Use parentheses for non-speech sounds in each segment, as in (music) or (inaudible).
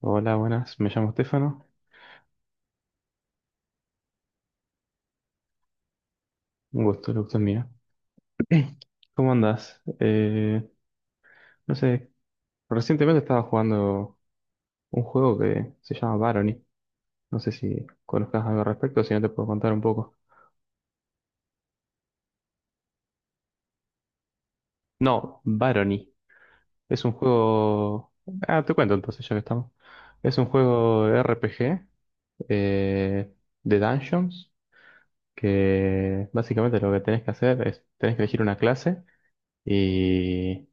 Hola, buenas, me llamo Estefano. Un gusto, el gusto es mío. (clears throat) ¿Cómo andás? No sé, recientemente estaba jugando un juego que se llama Barony. No sé si conozcas algo al respecto, si no te puedo contar un poco. No, Barony. Es un juego... Ah, te cuento entonces, ya que estamos. Es un juego RPG eh, de Dungeons, que básicamente lo que tenés que hacer es, tenés que elegir una clase y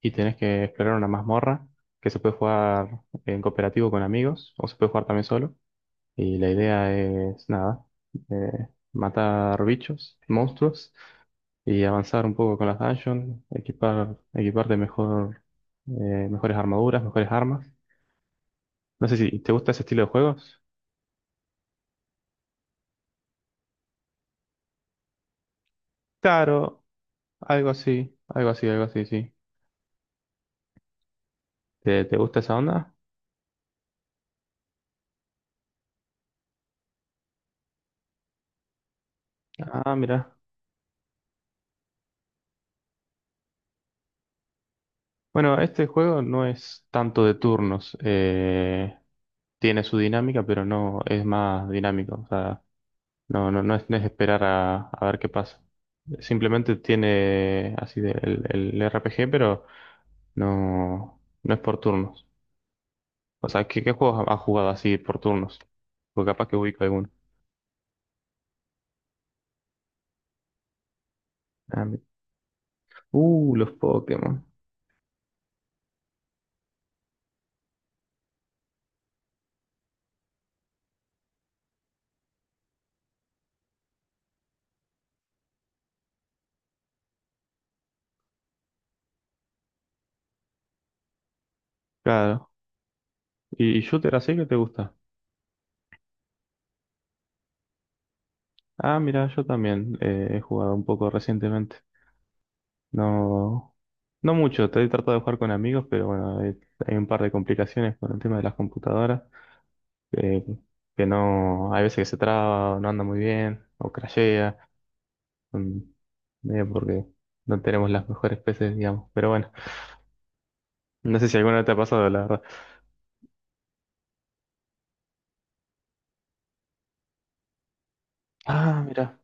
y tenés que explorar una mazmorra que se puede jugar en cooperativo con amigos o se puede jugar también solo. Y la idea es, nada, eh, matar bichos, monstruos y avanzar un poco con las dungeons, equipar, equiparte mejor, mejores armaduras, mejores armas. No sé si te gusta ese estilo de juegos. Claro, algo así, algo así, algo así, sí. ¿Te gusta esa onda? Ah, mira. Bueno, este juego no es tanto de turnos. Tiene su dinámica, pero no es más dinámico. O sea, no, no, no es esperar a ver qué pasa. Simplemente tiene así el RPG, pero no, no es por turnos. O sea, ¿qué juegos has jugado así por turnos? Porque capaz que ubico alguno. Ah, los Pokémon. Claro. ¿Y shooter así que te gusta? Ah, mira, yo también he jugado un poco recientemente. No, no mucho, estoy tratando de jugar con amigos, pero bueno, hay un par de complicaciones con el tema de las computadoras, eh, que no, hay veces que se traba, o no anda muy bien, o crashea, mm, medio porque no tenemos las mejores peces, digamos, pero bueno, no sé si alguna vez te ha pasado, la verdad. Ah, mira,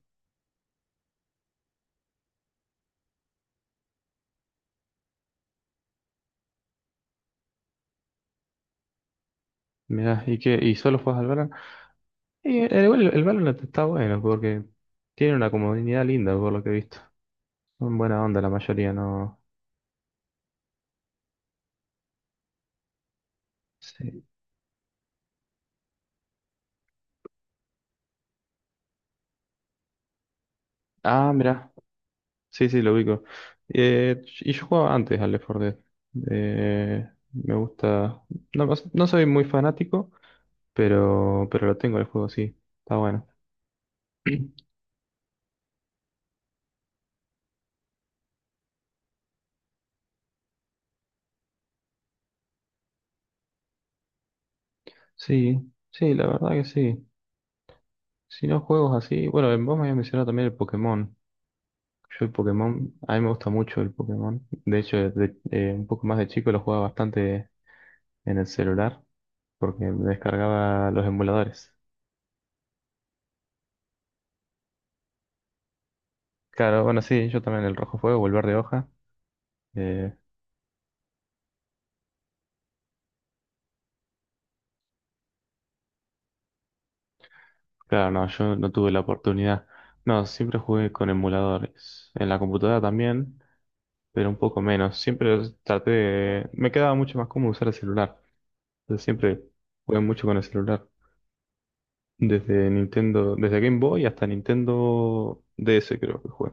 mira, ¿y qué? ¿Y solo juegas al Valorant? Y el Valorant está bueno, porque tiene una comunidad linda, por lo que he visto. Son buena onda la mayoría, no. Sí. Ah, mira. Sí, sí, lo ubico. Y yo jugaba antes al Left 4 Dead. Me gusta. No, no soy muy fanático, pero lo tengo el juego, sí. Está bueno. (clears throat) Sí, sí, la verdad que sí. Si no juegos así. Bueno, vos me habías mencionado también el Pokémon. Yo el Pokémon, a mí me gusta mucho el Pokémon. De hecho, un poco más de chico lo jugaba bastante en el celular, porque me descargaba los emuladores. Claro, bueno, sí, yo también el Rojo Fuego, o el Verde Hoja. eh, Claro, no, yo no tuve la oportunidad. No, siempre jugué con emuladores. En la computadora también, pero un poco menos. Siempre traté de... Me quedaba mucho más cómodo usar el celular. Entonces siempre jugué mucho con el celular. Desde Nintendo, desde Game Boy hasta Nintendo DS creo que jugué.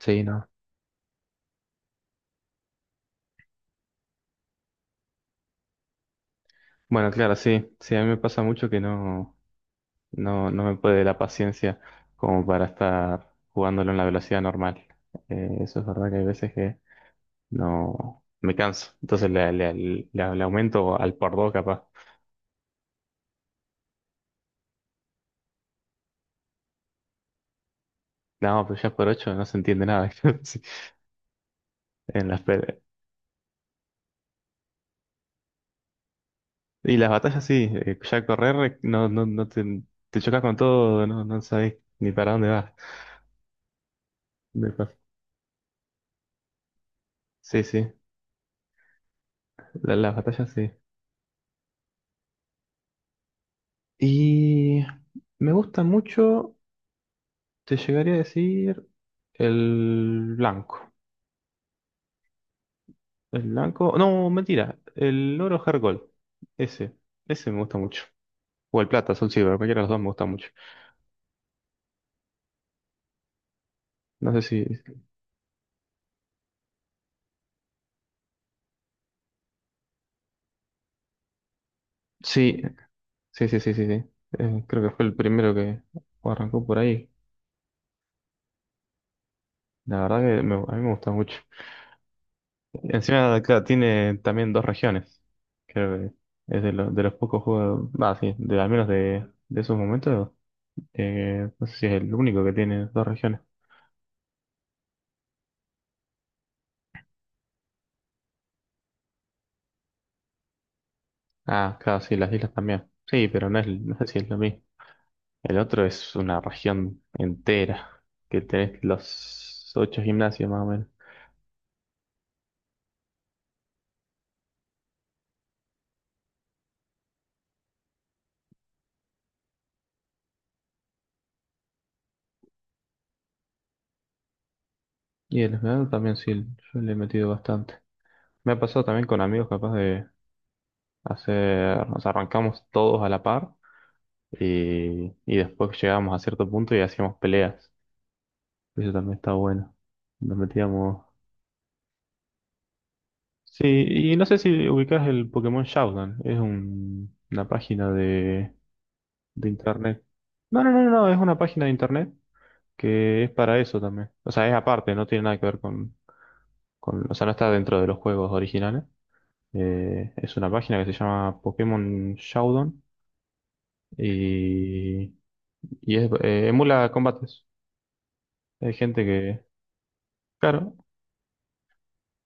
Sí, no. Bueno, claro, sí. Sí, a mí me pasa mucho que no, no, no me puede la paciencia como para estar jugándolo en la velocidad normal. Eso es verdad que hay veces que no, me canso. Entonces le aumento al por dos capaz. No, pero ya por ocho no se entiende nada. (laughs) Sí, En las pe- y las batallas sí, ya correr no, no, no te, te chocas con todo, no, no sabes ni para dónde vas. Me pasa. Sí, sí, las batallas sí. Y me gusta mucho, te llegaría a decir, el blanco. El blanco, no, mentira, el oro Hergol. Ese, ese me gusta mucho. O el plata, Soul Silver, cualquiera de los dos me gusta mucho. No sé si... Sí, sí, sí, sí, sí, sí. Creo que fue el primero que arrancó por ahí. La verdad que a mí me gusta mucho. Encima, claro, tiene también dos regiones. Creo que es de los pocos juegos, ah, sí, de, al menos de esos momentos. No sé si es el único que tiene dos regiones. Ah, claro, sí, las islas también. Sí, pero no es, no sé si es lo mismo. El otro es una región entera, que tenés los ocho gimnasios más o menos. Y el esmeralda también sí, yo le he metido bastante. Me ha pasado también con amigos capaz de hacer, nos arrancamos todos a la par y después llegábamos a cierto punto y hacíamos peleas. Eso también está bueno. Nos metíamos... Sí, y no sé si ubicás el Pokémon Showdown. Es una página de internet. No, no, no, no, no, es una página de internet que es para eso también. O sea, es aparte, no tiene nada que ver con... O sea, no está dentro de los juegos originales. Es una página que se llama Pokémon Showdown y, y es, emula combates. Hay gente que, claro,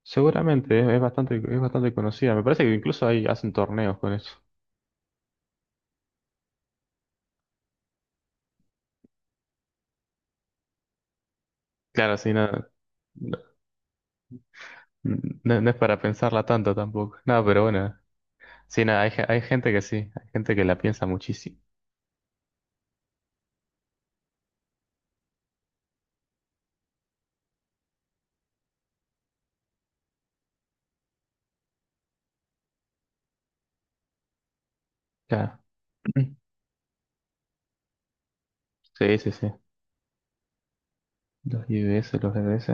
seguramente es bastante conocida. Me parece que incluso ahí hacen torneos con eso. Claro, sí, nada, no, no es para pensarla tanto tampoco. No, pero bueno, sí, nada, hay gente que sí, hay gente que la piensa muchísimo. Claro. (clears throat) Sí, sí, sí. Los IBS, los EBS.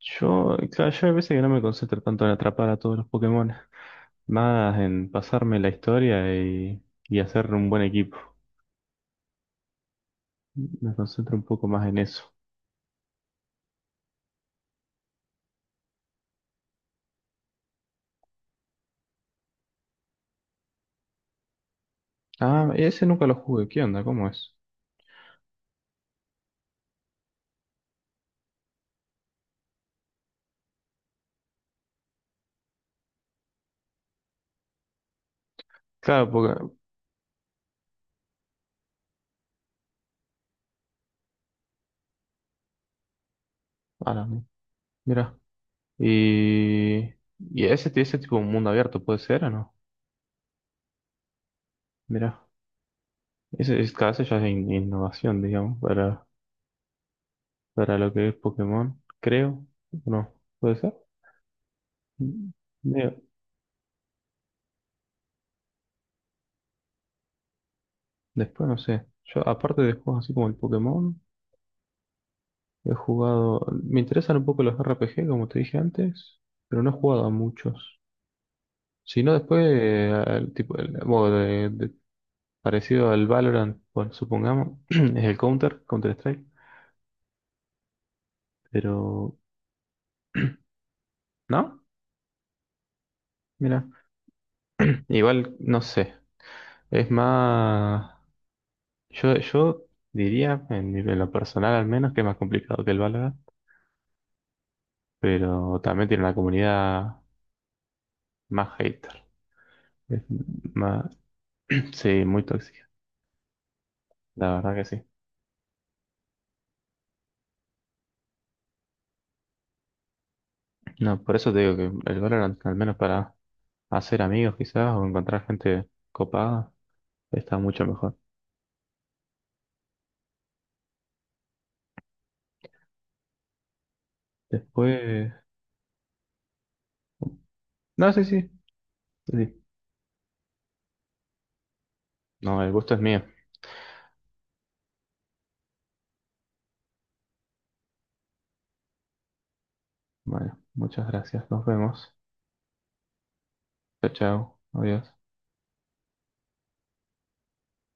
Yo, claro, yo hay veces que no me concentro tanto en atrapar a todos los Pokémon. Más en pasarme la historia y hacer un buen equipo. Me concentro un poco más en eso. Ah, ese nunca lo jugué. ¿Qué onda? ¿Cómo es? Claro, porque... Ahora, mira. Y... ¿Y ese tipo de mundo abierto puede ser o no? Mira. Ese, es cada vez ya es innovación, digamos, para lo que es Pokémon, creo. ¿O no? Puede ser. Mm, Mira. Después no sé. Yo, aparte de juegos así como el Pokémon. He jugado. Me interesan un poco los RPG, como te dije antes, pero no he jugado a muchos. Si no, después, al tipo, el modo parecido al Valorant, bueno, supongamos, (clears throat) es el Counter-Strike, pero. ¿No? Mira. Igual, no sé. Es más. Yo diría, en lo personal al menos, que es más complicado que el Valorant, pero también tiene una comunidad más hater. Es más, (clears throat) sí, muy tóxica, la verdad que sí. No, por eso te digo que el Valorant, al menos para hacer amigos quizás o encontrar gente copada, está mucho mejor. Después... No, sí, sí, sí. No, el gusto es mío. Bueno, muchas gracias. Nos vemos. Chao, chao. Adiós.